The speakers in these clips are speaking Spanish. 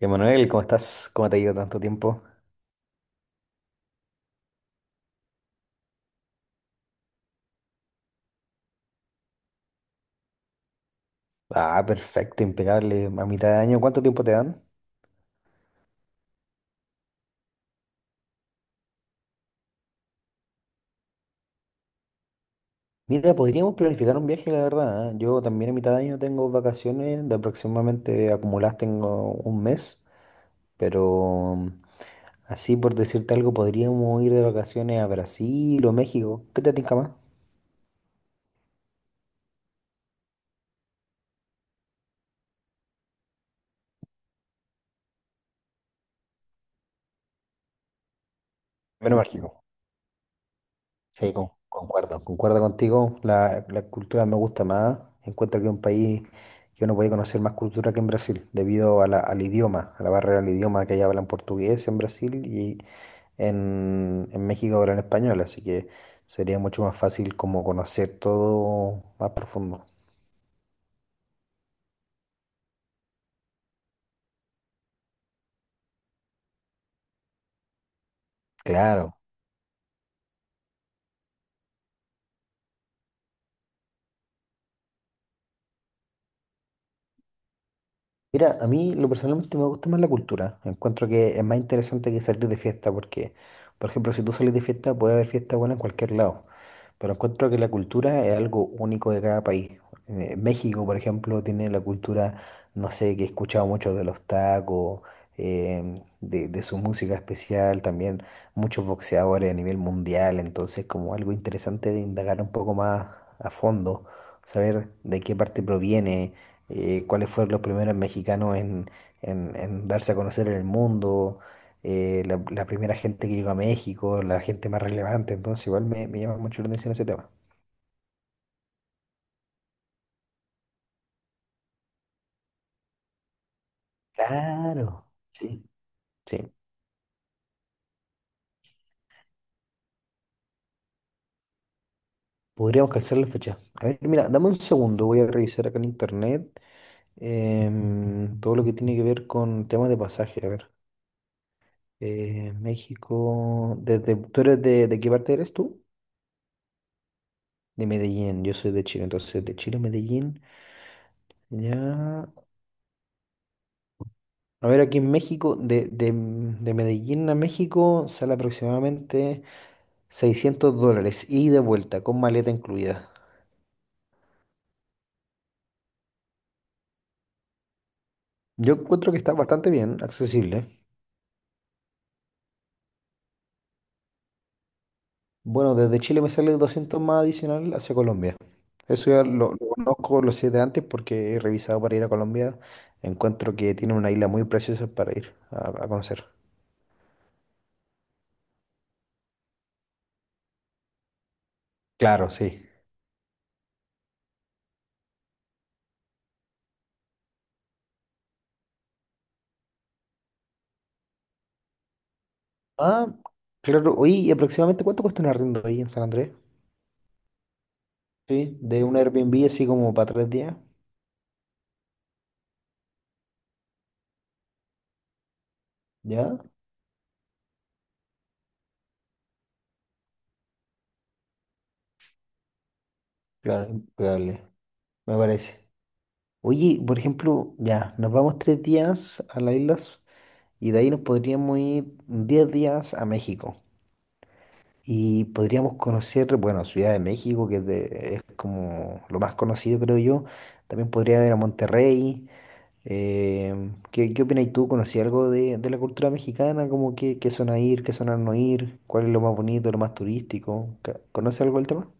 Emanuel, ¿cómo estás? ¿Cómo te ha ido tanto tiempo? Ah, perfecto, impecable. A mitad de año, ¿cuánto tiempo te dan? Mira, podríamos planificar un viaje, la verdad. ¿Eh? Yo también a mitad de año tengo vacaciones, de aproximadamente acumuladas tengo un mes, pero así por decirte algo, podríamos ir de vacaciones a Brasil o México. ¿Qué te tinca más? Bueno, México. Sí, concuerdo, concuerdo contigo. La cultura me gusta más. Encuentro que es un país que uno puede conocer más cultura que en Brasil, debido al idioma, a la barrera del idioma que allá hablan portugués en Brasil y en México hablan español, así que sería mucho más fácil como conocer todo más profundo. Claro. Mira, a mí lo personalmente me gusta más la cultura. Encuentro que es más interesante que salir de fiesta porque, por ejemplo, si tú sales de fiesta puede haber fiesta buena en cualquier lado. Pero encuentro que la cultura es algo único de cada país. México, por ejemplo, tiene la cultura, no sé, que he escuchado mucho de los tacos, de su música especial, también muchos boxeadores a nivel mundial. Entonces, como algo interesante de indagar un poco más a fondo, saber de qué parte proviene, cuáles fueron los primeros mexicanos en darse a conocer en el mundo, la primera gente que llegó a México, la gente más relevante, entonces igual me llama mucho la atención ese tema. Claro, sí, sí. Podríamos calzar la fecha. A ver, mira, dame un segundo, voy a revisar acá en internet, todo lo que tiene que ver con temas de pasaje. A ver, México, desde, ¿tú eres de qué parte eres tú? De Medellín, yo soy de Chile, entonces de Chile a Medellín, ya. A ver, aquí en México, de Medellín a México sale aproximadamente $600 y de vuelta, con maleta incluida. Yo encuentro que está bastante bien, accesible. Bueno, desde Chile me sale 200 más adicional hacia Colombia. Eso ya lo conozco, lo sé de antes porque he revisado para ir a Colombia. Encuentro que tiene una isla muy preciosa para ir a conocer. Claro, sí. Ah, claro. Oye, ¿y aproximadamente cuánto cuesta un arriendo ahí en San Andrés? Sí, de un Airbnb así como para 3 días. ¿Ya? Claro, probable, me parece. Oye, por ejemplo, ya, nos vamos 3 días a las islas y de ahí nos podríamos ir 10 días a México. Y podríamos conocer, bueno, Ciudad de México, que es, es como lo más conocido, creo yo. También podría ir a Monterrey. ¿Qué opinas tú? ¿Conocí algo de la cultura mexicana? ¿Como que, qué zona ir, qué zona no ir? ¿Cuál es lo más bonito, lo más turístico? ¿Conoces algo del tema?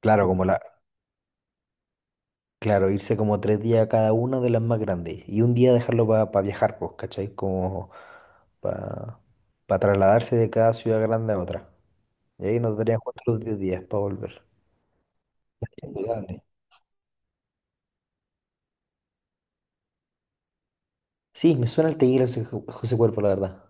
Claro, como la, Claro, irse como 3 días a cada una de las más grandes y un día dejarlo para viajar, pues, ¿cachai? Como para trasladarse de cada ciudad grande a otra. Y ahí nos darían 4 o 10 días para volver. Indudable. Sí, me suena el tequila José Cuervo, la verdad.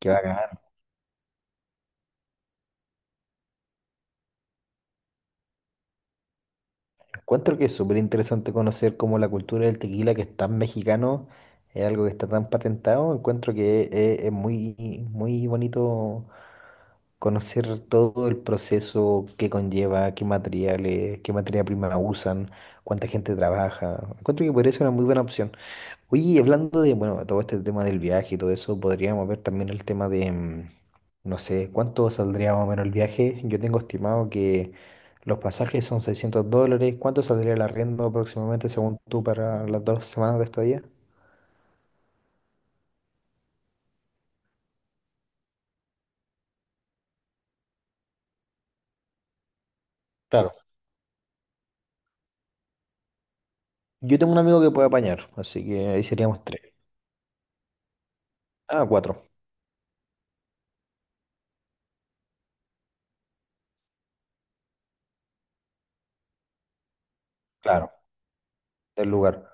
Qué bacán. Encuentro que es súper interesante conocer cómo la cultura del tequila, que es tan mexicano, es algo que está tan patentado. Encuentro que es muy, muy bonito conocer todo el proceso que conlleva, qué materiales, qué materia prima usan, cuánta gente trabaja. Encuentro que podría ser una muy buena opción. Oye, y hablando de, bueno, todo este tema del viaje y todo eso, podríamos ver también el tema de, no sé, cuánto saldría más o menos el viaje. Yo tengo estimado que los pasajes son $600. ¿Cuánto saldría el arriendo aproximadamente según tú para las 2 semanas de estadía? Claro. Yo tengo un amigo que puede apañar, así que ahí seríamos tres. Ah, cuatro. Claro. Del lugar.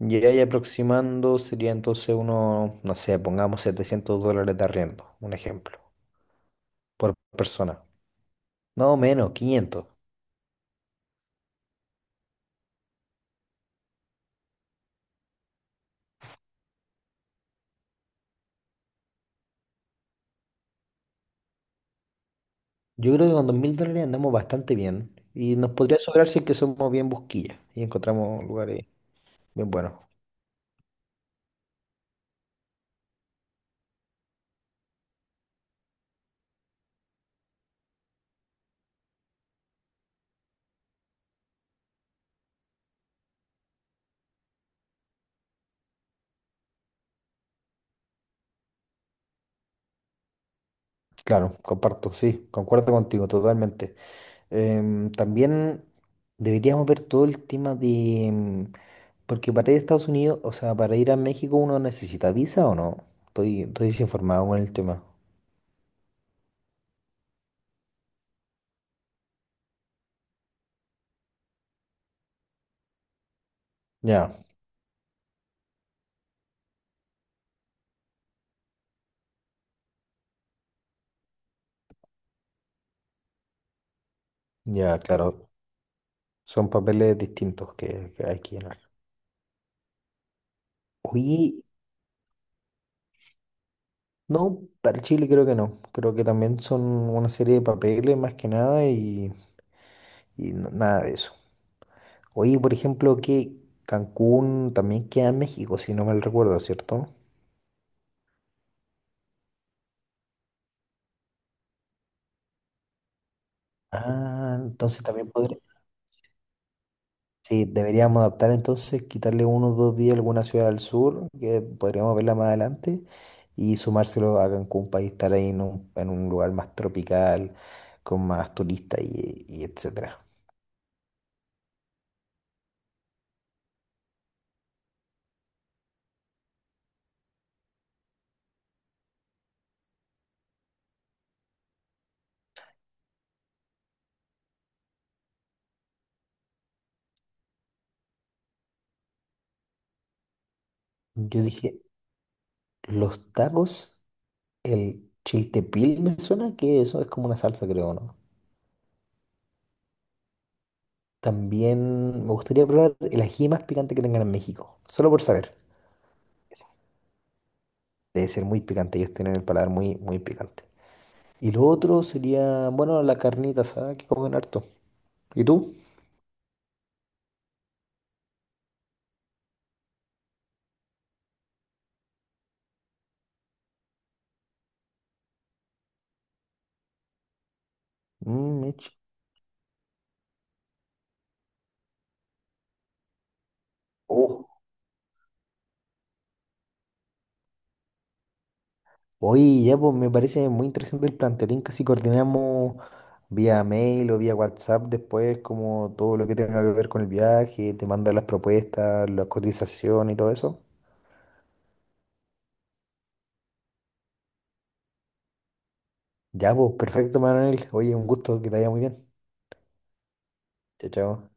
Y ahí aproximando sería entonces uno, no sé, pongamos $700 de arriendo, un ejemplo, por persona. No menos, 500. Yo creo que con $2,000 andamos bastante bien y nos podría sobrar si es que somos bien busquillas y encontramos lugares bien buenos. Claro, comparto, sí, concuerdo contigo totalmente. También deberíamos ver todo el tema de. Porque para ir a Estados Unidos, o sea, ¿para ir a México uno necesita visa o no? Estoy, estoy desinformado con el tema. Ya, ya, claro. Son papeles distintos que hay que llenar. Oye, no, para Chile creo que no. Creo que también son una serie de papeles más que nada, y nada de eso. Oye, por ejemplo, que Cancún también queda en México, si no mal recuerdo, ¿cierto? Ah, entonces también podría. Sí, deberíamos adaptar entonces, quitarle unos 2 días a alguna ciudad del sur, que podríamos verla más adelante, y sumárselo a Cancún para estar ahí en un lugar más tropical, con más turistas y etcétera. Yo dije, los tacos, el chiltepín me suena que eso es como una salsa, creo, ¿no? También me gustaría probar el ají más picante que tengan en México, solo por saber. Debe ser muy picante, ellos tienen el paladar muy, muy picante. Y lo otro sería, bueno, la carnita asada que comen harto. ¿Y tú? Mm, Mitch. Oh. Oye, ya pues me parece muy interesante el plan. ¿Te tinca si coordinamos vía mail o vía WhatsApp después, como todo lo que tenga que ver con el viaje, te manda las propuestas, las cotizaciones y todo eso? Ya pues, perfecto, Manuel. Oye, un gusto, que te vaya muy bien. Chao, chao.